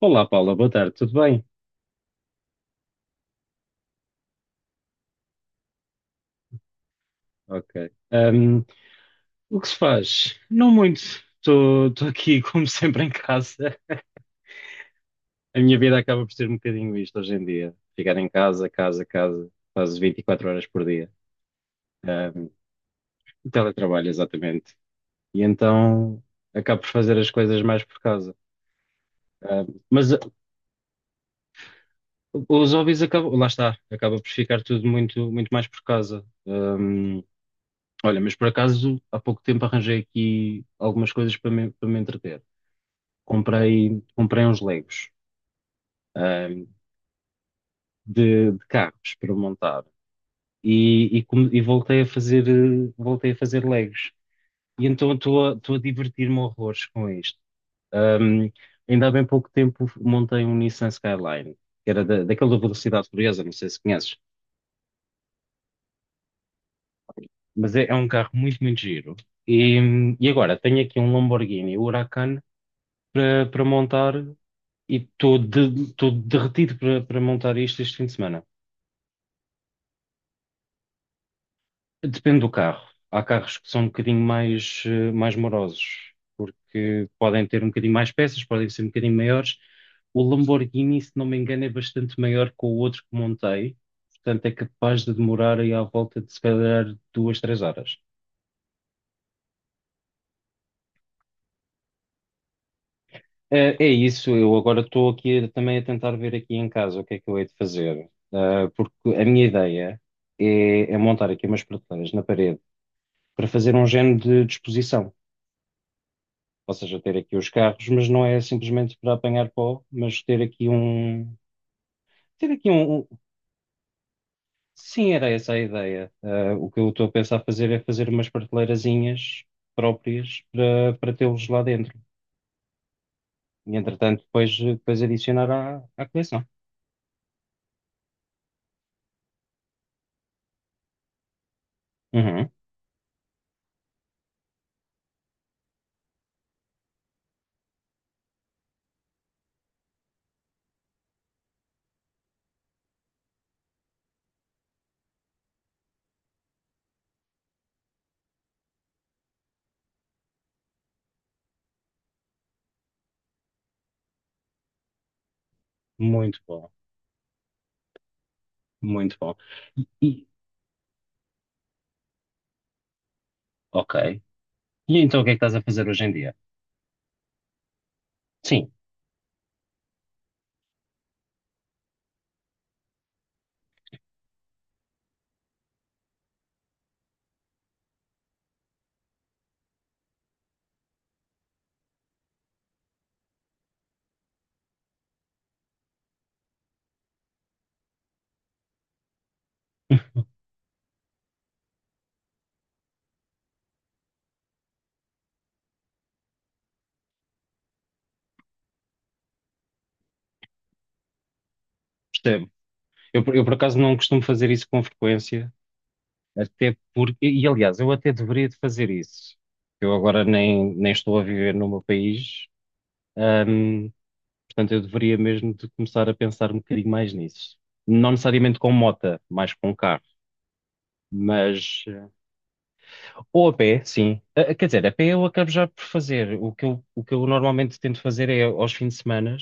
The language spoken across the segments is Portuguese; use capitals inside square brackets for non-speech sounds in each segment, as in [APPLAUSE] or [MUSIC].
Olá, Paula, boa tarde, tudo bem? Ok. O que se faz? Não muito. Estou aqui, [LAUGHS] como sempre, em casa. A minha vida acaba por ser um bocadinho isto hoje em dia. Ficar em casa, casa, casa, quase 24 horas por dia. Ahm, Teletrabalho, exatamente. E então acabo por fazer as coisas mais por casa. Mas os hobbies acabam, lá está, acaba por ficar tudo muito, muito mais por casa. Olha, mas por acaso, há pouco tempo arranjei aqui algumas coisas para me entreter. Comprei uns Legos, ahm, de carros para montar e, e voltei a fazer, voltei a fazer Legos. E então estou a divertir-me horrores com isto. Ahm, Ainda há bem pouco tempo montei um Nissan Skyline, que era daquela velocidade furiosa, não sei se conheces, mas é um carro muito, muito giro. E, e agora tenho aqui um Lamborghini Huracan para montar e estou derretido para montar isto este fim de semana. Depende do carro. Há carros que são um bocadinho mais, mais morosos, porque podem ter um bocadinho mais peças, podem ser um bocadinho maiores. O Lamborghini, se não me engano, é bastante maior que o outro que montei, portanto é capaz de demorar aí à volta de se calhar duas, três horas. É, isso, eu agora estou aqui também a tentar ver aqui em casa o que é que eu hei de fazer. Ah, porque a minha ideia é montar aqui umas prateleiras na parede para fazer um género de disposição. Ou seja, ter aqui os carros, mas não é simplesmente para apanhar pó, mas ter aqui um. Ter aqui um. um- Sim, era essa a ideia. Ah, o que eu estou a pensar fazer é fazer umas prateleirazinhas próprias para tê-los lá dentro. E entretanto, depois adicionar à coleção. Uhum. Muito bom, muito bom. E, ok. E então o que é que estás a fazer hoje em dia? Sim, percebo. Eu por acaso não costumo fazer isso com frequência. Até porque, e aliás, eu até deveria de fazer isso. Eu agora nem estou a viver no meu país, hum, portanto eu deveria mesmo de começar a pensar um bocadinho mais nisso. Não necessariamente com mota, mais com carro, mas eh, ou a pé, sim. Ah, ah, quer dizer, a pé eu acabo já por fazer. O que eu normalmente tento fazer é aos fins de semana,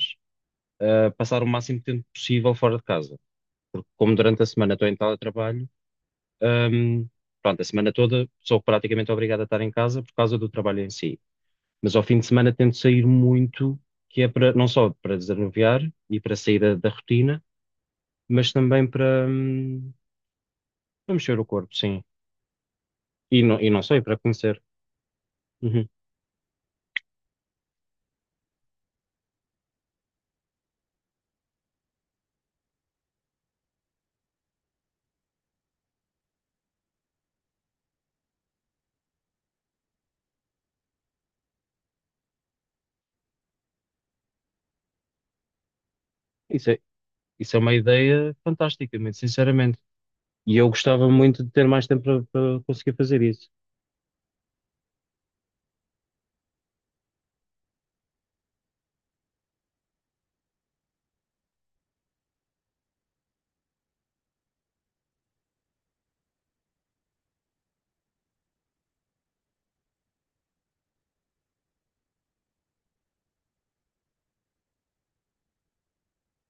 passar o máximo de tempo possível fora de casa. Porque como durante a semana estou em teletrabalho, Ahm, pronto, a semana toda sou praticamente obrigado a estar em casa por causa do trabalho em si. Mas ao fim de semana tento sair muito, que é para não só para desanuviar e para sair da rotina, mas também para, para mexer o corpo, sim. E não só, e para conhecer. Uhum. Isso é, isso é uma ideia fantástica, muito sinceramente. E eu gostava muito de ter mais tempo para conseguir fazer isso.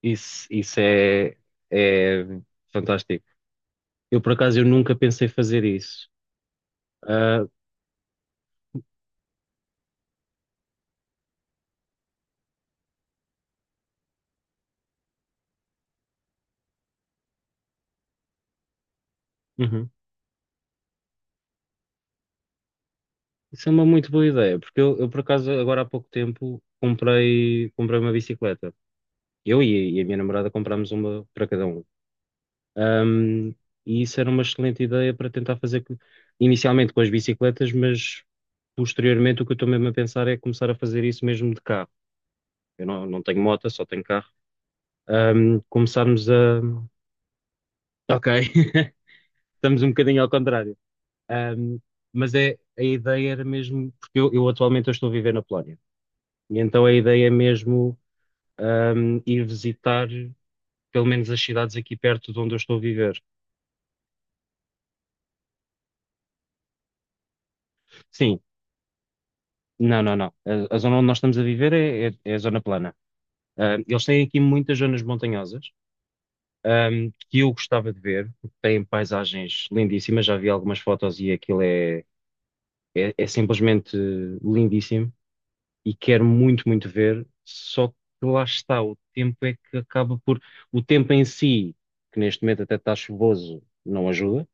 Isso, isso é, é fantástico. Eu, por acaso, eu nunca pensei fazer isso. Ah, uhum. Isso é uma muito boa ideia, porque eu, por acaso agora há pouco tempo comprei uma bicicleta. Eu e a minha namorada comprámos uma para cada um. Ahm, e isso era uma excelente ideia para tentar inicialmente com as bicicletas, mas posteriormente o que eu estou mesmo a pensar é começar a fazer isso mesmo de carro. Eu não, não tenho moto, só tenho carro. Começarmos a. Ok, [LAUGHS] estamos um bocadinho ao contrário. Ahm, mas é, a ideia era mesmo, porque eu atualmente eu estou a viver na Polónia. E então a ideia é mesmo ir visitar pelo menos as cidades aqui perto de onde eu estou a viver. Sim, não, não, não. A zona onde nós estamos a viver é a zona plana. Ah, eles têm aqui muitas zonas montanhosas, que eu gostava de ver, porque têm paisagens lindíssimas. Já vi algumas fotos e aquilo é simplesmente lindíssimo e quero muito, muito ver. Só que lá está, o tempo é que acaba por. O tempo em si, que neste momento até está chuvoso, não ajuda.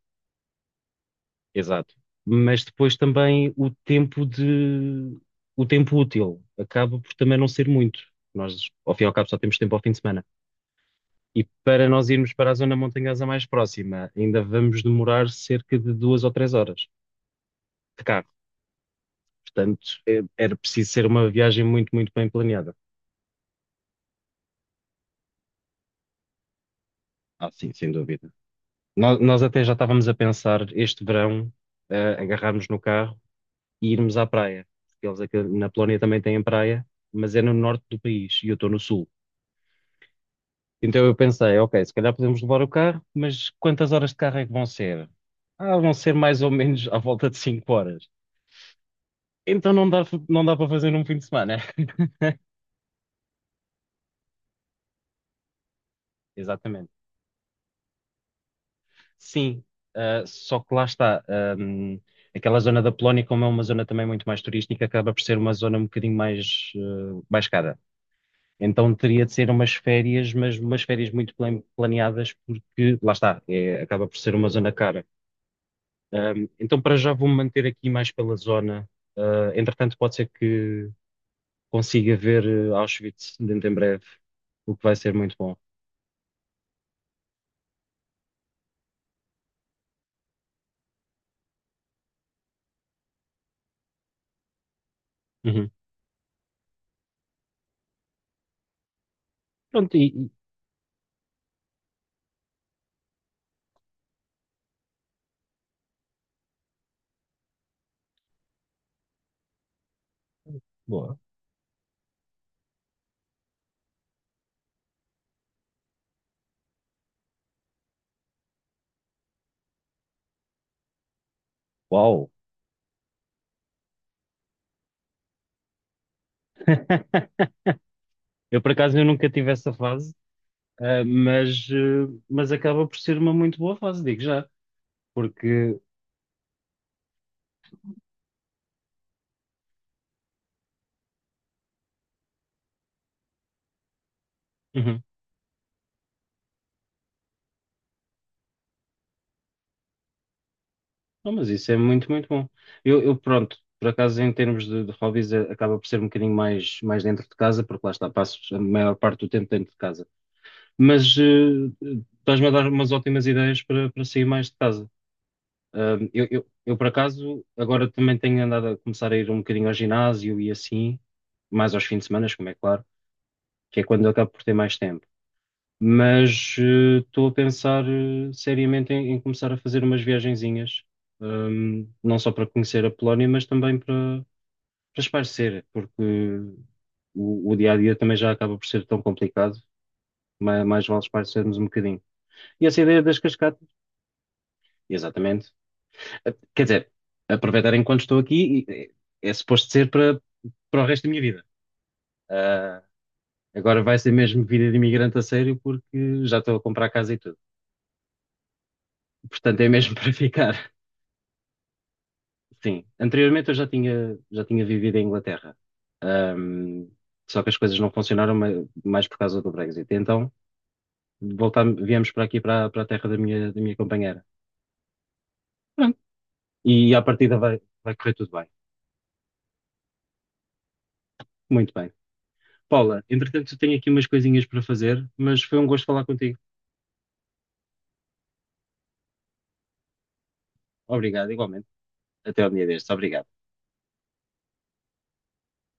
Exato. Mas depois também o tempo de o tempo útil acaba por também não ser muito. Nós, ao fim e ao cabo, só temos tempo ao fim de semana. E para nós irmos para a zona montanhosa mais próxima, ainda vamos demorar cerca de duas ou três horas de carro. Portanto, era preciso ser uma viagem muito, muito bem planeada. Ah, sim, sem dúvida. Nós até já estávamos a pensar este verão, agarrarmos no carro e irmos à praia. Porque eles aqui na Polónia também têm praia, mas é no norte do país e eu estou no sul. Então eu pensei, ok, se calhar podemos levar o carro, mas quantas horas de carro é que vão ser? Ah, vão ser mais ou menos à volta de 5 horas. Então não dá, não dá para fazer num fim de semana. [LAUGHS] Exatamente. Sim, ah, só que lá está. Aquela zona da Polónia, como é uma zona também muito mais turística, acaba por ser uma zona um bocadinho mais, ah, mais cara. Então teria de ser umas férias, mas umas férias muito planeadas, porque lá está, acaba por ser uma zona cara. Um, então, para já vou-me manter aqui mais pela zona. Entretanto, pode ser que consiga ver Auschwitz dentro em breve, o que vai ser muito bom. Uhum. Pronto, boa. Uau! [LAUGHS] Eu, por acaso, eu nunca tive essa fase, mas acaba por ser uma muito boa fase, digo já, porque... Uhum. Não, mas isso é muito, muito bom. Eu, pronto, por acaso, em termos de hobbies, acaba por ser um bocadinho mais, mais dentro de casa, porque lá está, passo a maior parte do tempo dentro de casa. mas eh, Estás-me a dar umas ótimas ideias para sair mais de casa. Ah, eu, por acaso, agora também tenho andado a começar a ir um bocadinho ao ginásio e assim, mais aos fins de semana, como é claro, que é quando eu acabo por ter mais tempo. Estou a pensar seriamente em começar a fazer umas viagenzinhas, não só para conhecer a Polónia, mas também para espairecer, porque o dia a dia também já acaba por ser tão complicado, mais, vale espairecermos um bocadinho. E essa ideia das cascatas. Exatamente. Quer dizer, aproveitar enquanto estou aqui é, é suposto ser para, para o resto da minha vida. Ah, agora vai ser mesmo vida de imigrante a sério porque já estou a comprar casa e tudo. Portanto, é mesmo [LAUGHS] para ficar. Sim, anteriormente eu já tinha vivido em Inglaterra. Ahm, Só que as coisas não funcionaram mais por causa do Brexit. Então, voltamos, viemos para aqui, para a terra da minha companheira. Pronto. E à partida vai correr tudo bem. Muito bem. Paula, entretanto, eu tenho aqui umas coisinhas para fazer, mas foi um gosto falar contigo. Obrigado, igualmente. Até ao dia destes. Obrigado.